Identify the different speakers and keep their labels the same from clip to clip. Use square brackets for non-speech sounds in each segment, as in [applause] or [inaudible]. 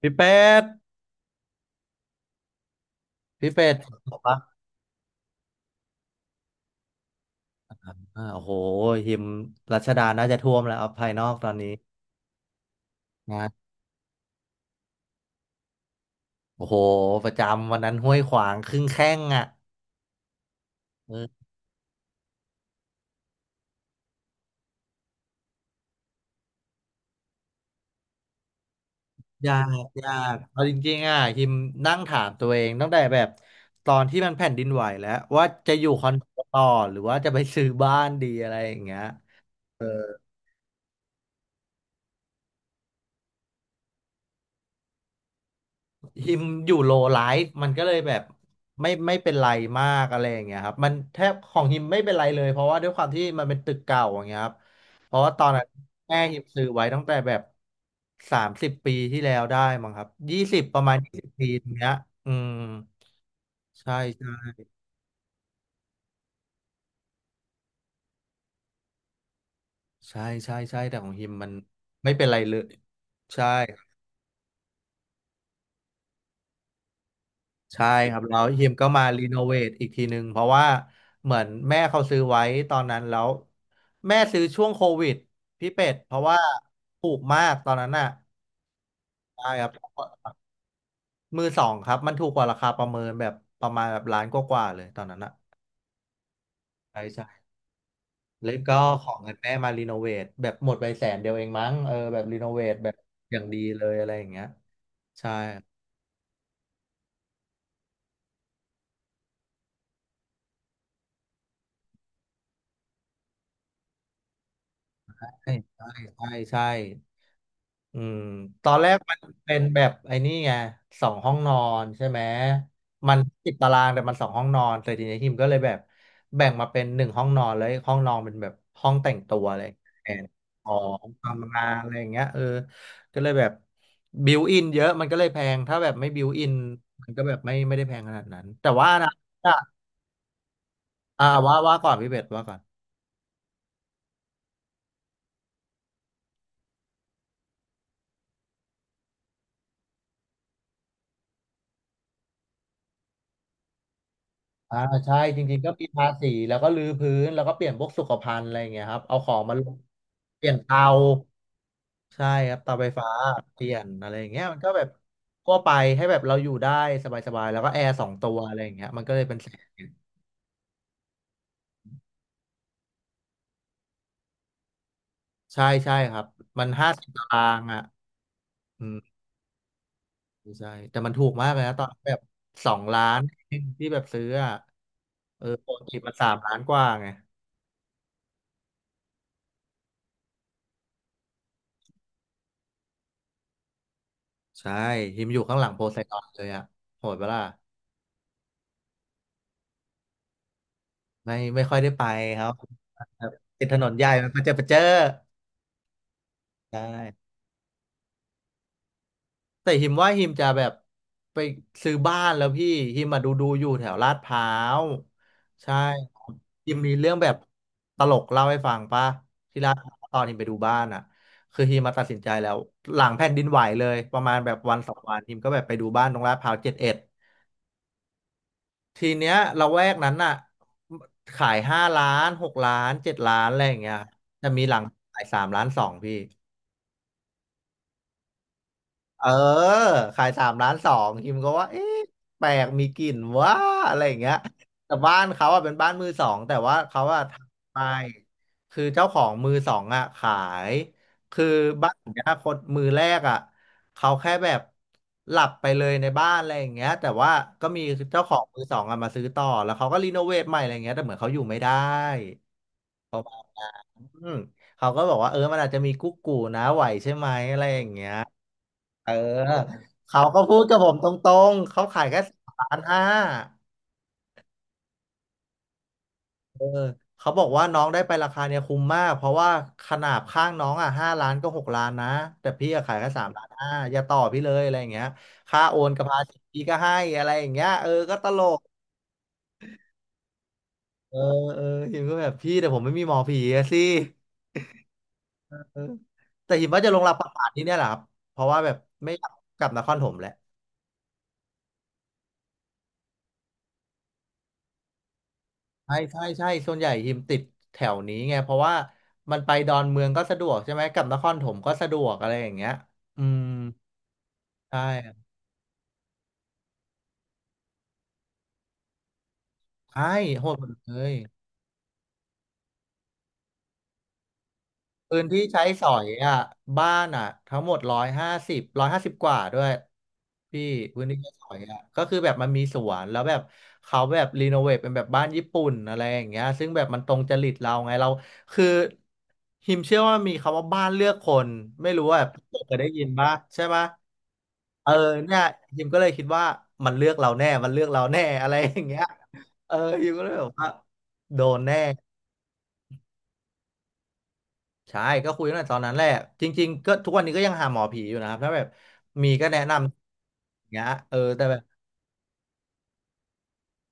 Speaker 1: พี่เป็ด พี่เป็ดบอกว่าโอ้โหหิมรัชดาน่าจะท่วมแล้วเอาภายนอกตอนนี้นะโอ้โหประจำวันนั้นห้วยขวางครึ่งแข้งอ่ะเออยากยากเอาจริงๆอ่ะหิมนั่งถามตัวเองตั้งแต่แบบตอนที่มันแผ่นดินไหวแล้วว่าจะอยู่คอนโดต่อหรือว่าจะไปซื้อบ้านดีอะไรอย่างเงี้ย ฮิมอยู่โลไลฟ์มันก็เลยแบบไม่ไม่เป็นไรมากอะไรอย่างเงี้ยครับมันแทบของฮิมไม่เป็นไรเลยเพราะว่าด้วยความที่มันเป็นตึกเก่าอย่างเงี้ยครับเพราะว่าตอนนั้นแม่ฮิมซื้อไว้ตั้งแต่แบบ30 ปีที่แล้วได้มั้งครับยี่สิบประมาณ20 ปีตรงเนี้ยอืมใช่ใช่ใช่ใช่ใช่แต่ของฮิมมันไม่เป็นไรเลยใช่ ใช่ครับแล้วฮิมก็มารีโนเวทอีกทีหนึ่งเพราะว่าเหมือนแม่เขาซื้อไว้ตอนนั้นแล้วแม่ซื้อช่วงโควิดพี่เป็ดเพราะว่าถูกมากตอนนั้นน่ะใช่ครับมือสองครับมันถูกกว่าราคาประเมินแบบประมาณแบบล้านกว่าๆเลยตอนนั้นน่ะใช่ใช่แล้วก็ของเงินแม่มารีโนเวทแบบหมดไปแสนเดียวเองมั้งเออแบบรีโนเวทแบบอย่างดีเลยอะไรอย่างเงี้ยใช่ใช่ใช่ใช่ใช่ อืมตอนแรกมันเป็นแบบไอ้นี่ไงสองห้องนอนใช่ไหมมันติดตารางแต่มันสองห้องนอนแต่ทีนี้ทีมก็เลยแบบแบ่งมาเป็นหนึ่งห้องนอนเลยห้องนอนเป็นแบบห้องแต่งตัวอะไรแอนของทำงานอะไรอย่างเงี้ยเออก็เลยแบบบิวอินเยอะมันก็เลยแพงถ้าแบบไม่บิวอินมันก็แบบไม่ไม่ได้แพงขนาดนั้นแต่ว่านะอ่ะอ่าว่าก่อนพี่เบสว่าก่อน อ่าใช่จริงๆก็มีทาสีแล้วก็รื้อพื้นแล้วก็เปลี่ยนพวกสุขภัณฑ์อะไรอย่างเงี้ยครับเอาของมาลงเปลี่ยนเตาใช่ครับเตาไฟฟ้าเปลี่ยนอะไรอย่างเงี้ยมันก็แบบทั่วไปให้แบบเราอยู่ได้สบายๆแล้วก็แอร์สองตัวอะไรอย่างเงี้ยมันก็เลยเป็นแสนใช่ใช่ครับมัน50 ตารางอ่ะอืมใช่แต่มันถูกมากเลยนะตอนแบบ2,000,000ที่แบบซื้ออ่ะเออปกติมันสามล้านกว่าไงใช่ฮิมอยู่ข้างหลังโพไซดอนเลยอ่ะโหดปะล่ะไม่ไม่ค่อยได้ไปครับ ครับติดถนนใหญ่มันก็จะไปเจอใช่แต่หิมว่าหิมจะแบบไปซื้อบ้านแล้วพี่หิมมาดูอยู่แถวลาดพร้าวใช่ครับหิมมีเรื่องแบบตลกเล่าให้ฟังป่ะที่ลาดพร้าวตอนหิมไปดูบ้านอ่ะคือหิมมาตัดสินใจแล้วหลังแผ่นดินไหวเลยประมาณแบบวันสองวันหิมก็แบบไปดูบ้านตรงลาดพร้าว71ทีเนี้ยละแวกนั้นน่ะขายห้าล้านหกล้าน7,000,000อะไรอย่างเงี้ยจะมีหลังขายสามล้านสองพี่ เออขาย3,200,000คิมก็ว่าเอ๊ะแปลกมีกลิ่นว่าอะไรอย่างเงี้ยแต่บ้านเขาอ่ะเป็นบ้านมือสองแต่ว่าเขาอ่ะทำไปคือเจ้าของมือสองอ่ะขายคือบ้านของเนี้ยคนมือแรกอ่ะเขาแค่แบบหลับไปเลยในบ้านอะไรอย่างเงี้ยแต่ว่าก็มีเจ้าของมือสองอ่ะมาซื้อต่อแล้วเขาก็รีโนเวทใหม่อะไรอย่างเงี้ยแต่เหมือนเขาอยู่ไม่ได้ปราะมาณนั้นเขาก็บอกว่าเออมันอาจจะมีกุ๊กกูนะไหวใช่ไหมอะไรอย่างเงี้ย เออเขาก็พูดกับผมตรงๆเขาขายแค่สามล้านห้าเออเขาบอกว่าน้องได้ไปราคาเนี่ยคุ้มมากเพราะว่าขนาดข้างน้องอ่ะห้าล้านก็หกล้านนะแต่พี่อะขายแค่สามล้านห้าอย่าต่อพี่เลยอะไรอย่างเงี้ยค่าโอนกับภาษีพี่ก็ให้อะไรอย่างเงี้ยเออก็ตลกเออเออหิมก็แบบพี่แต่ผมไม่มีหมอผีอะสิเออแต่หิมว่าจะลงรับประกาศที่เนี่ยแหละครับเพราะว่าแบบไม่อยากกลับนครถมแล้ว ใช่ใช่ใช่ส่วนใหญ่ฮิมติดแถวนี้ไงเพราะว่ามันไปดอนเมืองก็สะดวกใช่ไหมกลับนครปฐมก็สะดวกอะไรอย่างเงี้ยอืมใช่ใช่โหดหมดเลย พื้นที่ใช้สอยอ่ะบ้านอ่ะทั้งหมดร้อยห้าสิบกว่าด้วยพี่พื้นที่ใช้สอยอ่ะก็คือแบบมันมีสวนแล้วแบบเขาแบบรีโนเวทเป็นแบบบ้านญี่ปุ่นอะไรอย่างเงี้ยซึ่งแบบมันตรงจริตเราไงเราคือฮิมเชื่อว่ามีคำว่าบ้านเลือกคนไม่รู้ว่าแบบเคยได้ยินป่ะใช่ปะเออเนี่ยฮิมก็เลยคิดว่ามันเลือกเราแน่มันเลือกเราแน่อะไรอย่างเงี้ยเออฮิมก็เลยแบบว่าโดนแน่ ใช่ก็คุยตั้งแต่ตอนนั้นแหละจริงๆก็ทุกวันนี้ก็ยังหาหมอผีอยู่นะครับถ้าแบบมีก็แนะนำอย่างเงี้ยเออแต่แบบ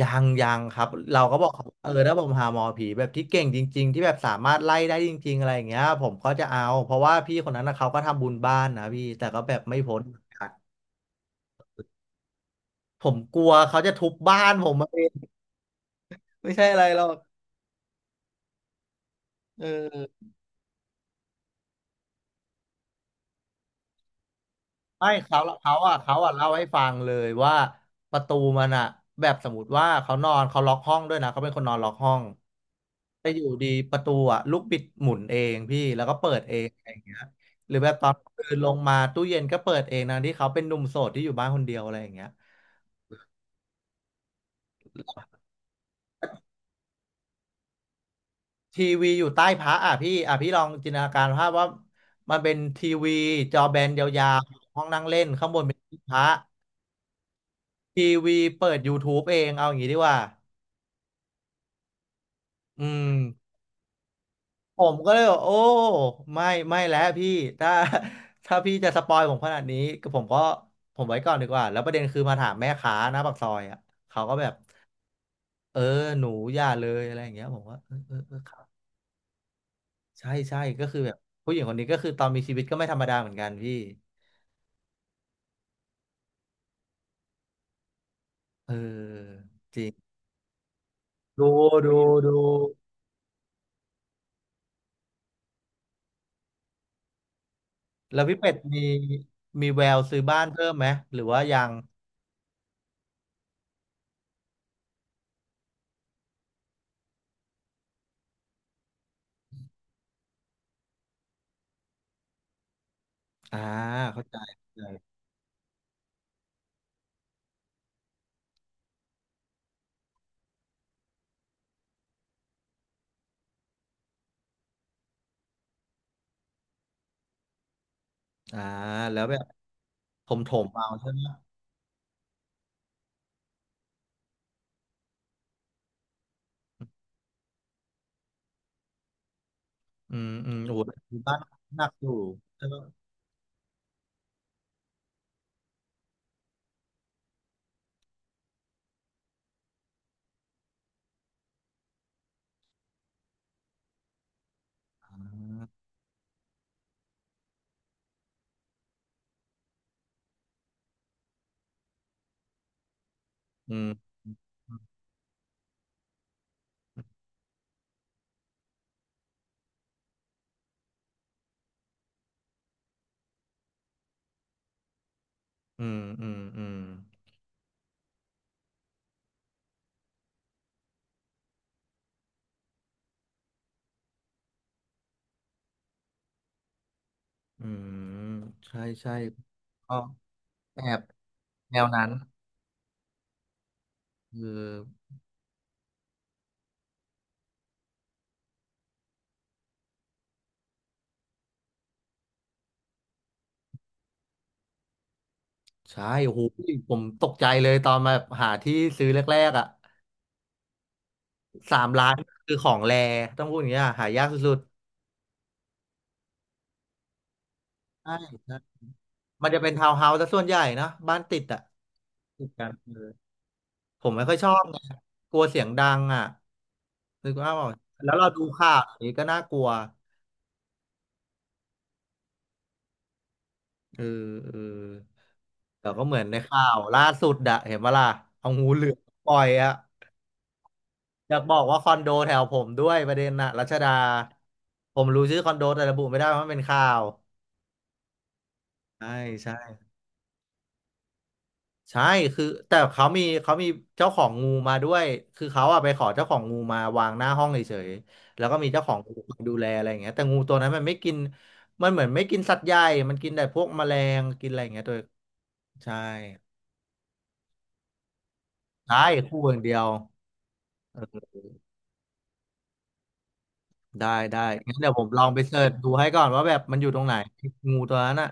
Speaker 1: ยังยังครับเราก็บอกเขาเออถ้าผมหาหมอผีแบบที่เก่งจริงๆที่แบบสามารถไล่ได้จริงๆอะไรอย่างเงี้ยผมก็จะเอาเพราะว่าพี่คนนั้นนะเขาก็ทำบุญบ้านนะพี่แต่ก็แบบไม่พ้นผมกลัวเขาจะทุบบ้านผมมาเองไม่ใช่อะไรหรอกเออ ไม่เขาอ่ะเขาอ่ะเล่าให้ฟังเลยว่าประตูมันอ่ะแบบสมมติว่าเขานอนเขาล็อกห้องด้วยนะเขาเป็นคนนอนล็อกห้องแต่อยู่ดีประตูอ่ะลูกบิดหมุนเองพี่แล้วก็เปิดเองอะไรอย่างเงี้ยหรือแบบตอนเดินลงมาตู้เย็นก็เปิดเองนะที่เขาเป็นหนุ่มโสดที่อยู่บ้านคนเดียวอะไรอย่างเงี้ยทีวีอยู่ใต้พระอ่ะพี่อ่ะพี่ลองจินตนาการภาพว่ามันเป็นทีวีจอแบนยาวๆห้องนั่งเล่นข้างบนเป็นที่พระทีวีเปิด YouTube เองเอาอย่างงี้ดีกว่าอืม ผมก็เลยบอกโอ้ไม่ไม่แล้วพี่ถ้า [laughs] ถ้าพี่จะสปอยผมขนาดนี้ก็ผมไว้ก่อนดีกว่าแล้วประเด็นคือมาถามแม่ค้าหน้าปากซอยอ่ะเขาก็แบบเออหนูอย่าเลยอะไรอย่างเงี้ยผมว่าเออเออเออครับใช่ใช่ก็คือแบบผู้หญิงคนนี้ก็คือตอนมีชีวิตก็ไม่ธรรมดาเหมือนกันพี่เออดูดูดูแล้วพี่เป็ดมีแววซื้อบ้านเพิ่มไหมหรือว่ายังอ่าเข้าใจเลยอ่าแล้วแบบผมถมเอาใช่ไหม อืมอืมโอ้โหบ้านหนักอยู่แล้วก็อืมอืมอืมอืมอืมใช่ใช่ก็แอบแนวนั้นคือใช่โอ้โหผมตกใจเลยตอนมาหาที่ซื้อแรกๆอ่ะ3 ล้านคือของแรต้องพูดอย่างเงี้ยหายากสุดๆใช่ใช่มันจะเป็นทาวน์เฮาส์ซะส่วนใหญ่เนอะบ้านติดอ่ะติดกันเลยผมไม่ค่อยชอบไงกลัวเสียงดังอ่ะคือว่าแบบแล้วเราดูข่าวอย่างนี้ก็น่ากลัว เออเออแต่ก็เหมือนในข่าวล่าสุดอะเห็นปะล่ะเอางูเหลือมปล่อยอะอยากบอกว่าคอนโดแถวผมด้วยประเด็นน่ะรัชดาผมรู้ชื่อคอนโดแต่ระบุไม่ได้เพราะมันเป็นข่าวใช่ใช่ใช่คือแต่เขามีเจ้าของงูมาด้วยคือเขาอะไปขอเจ้าของงูมาวางหน้าห้องเฉยๆแล้วก็มีเจ้าของงูคอยดูแลอะไรอย่างเงี้ยแต่งูตัวนั้นมันไม่กินมันเหมือนไม่กินสัตว์ใหญ่มันกินแต่พวกแมลงกินอะไรอย่างเงี้ยตัวใช่ใช่คู่อย่างเดียว เออได้ได้งั้นเดี๋ยวผมลองไปเสิร์ชดูให้ก่อนว่าแบบมันอยู่ตรงไหนงูตัวนั้นอ่ะ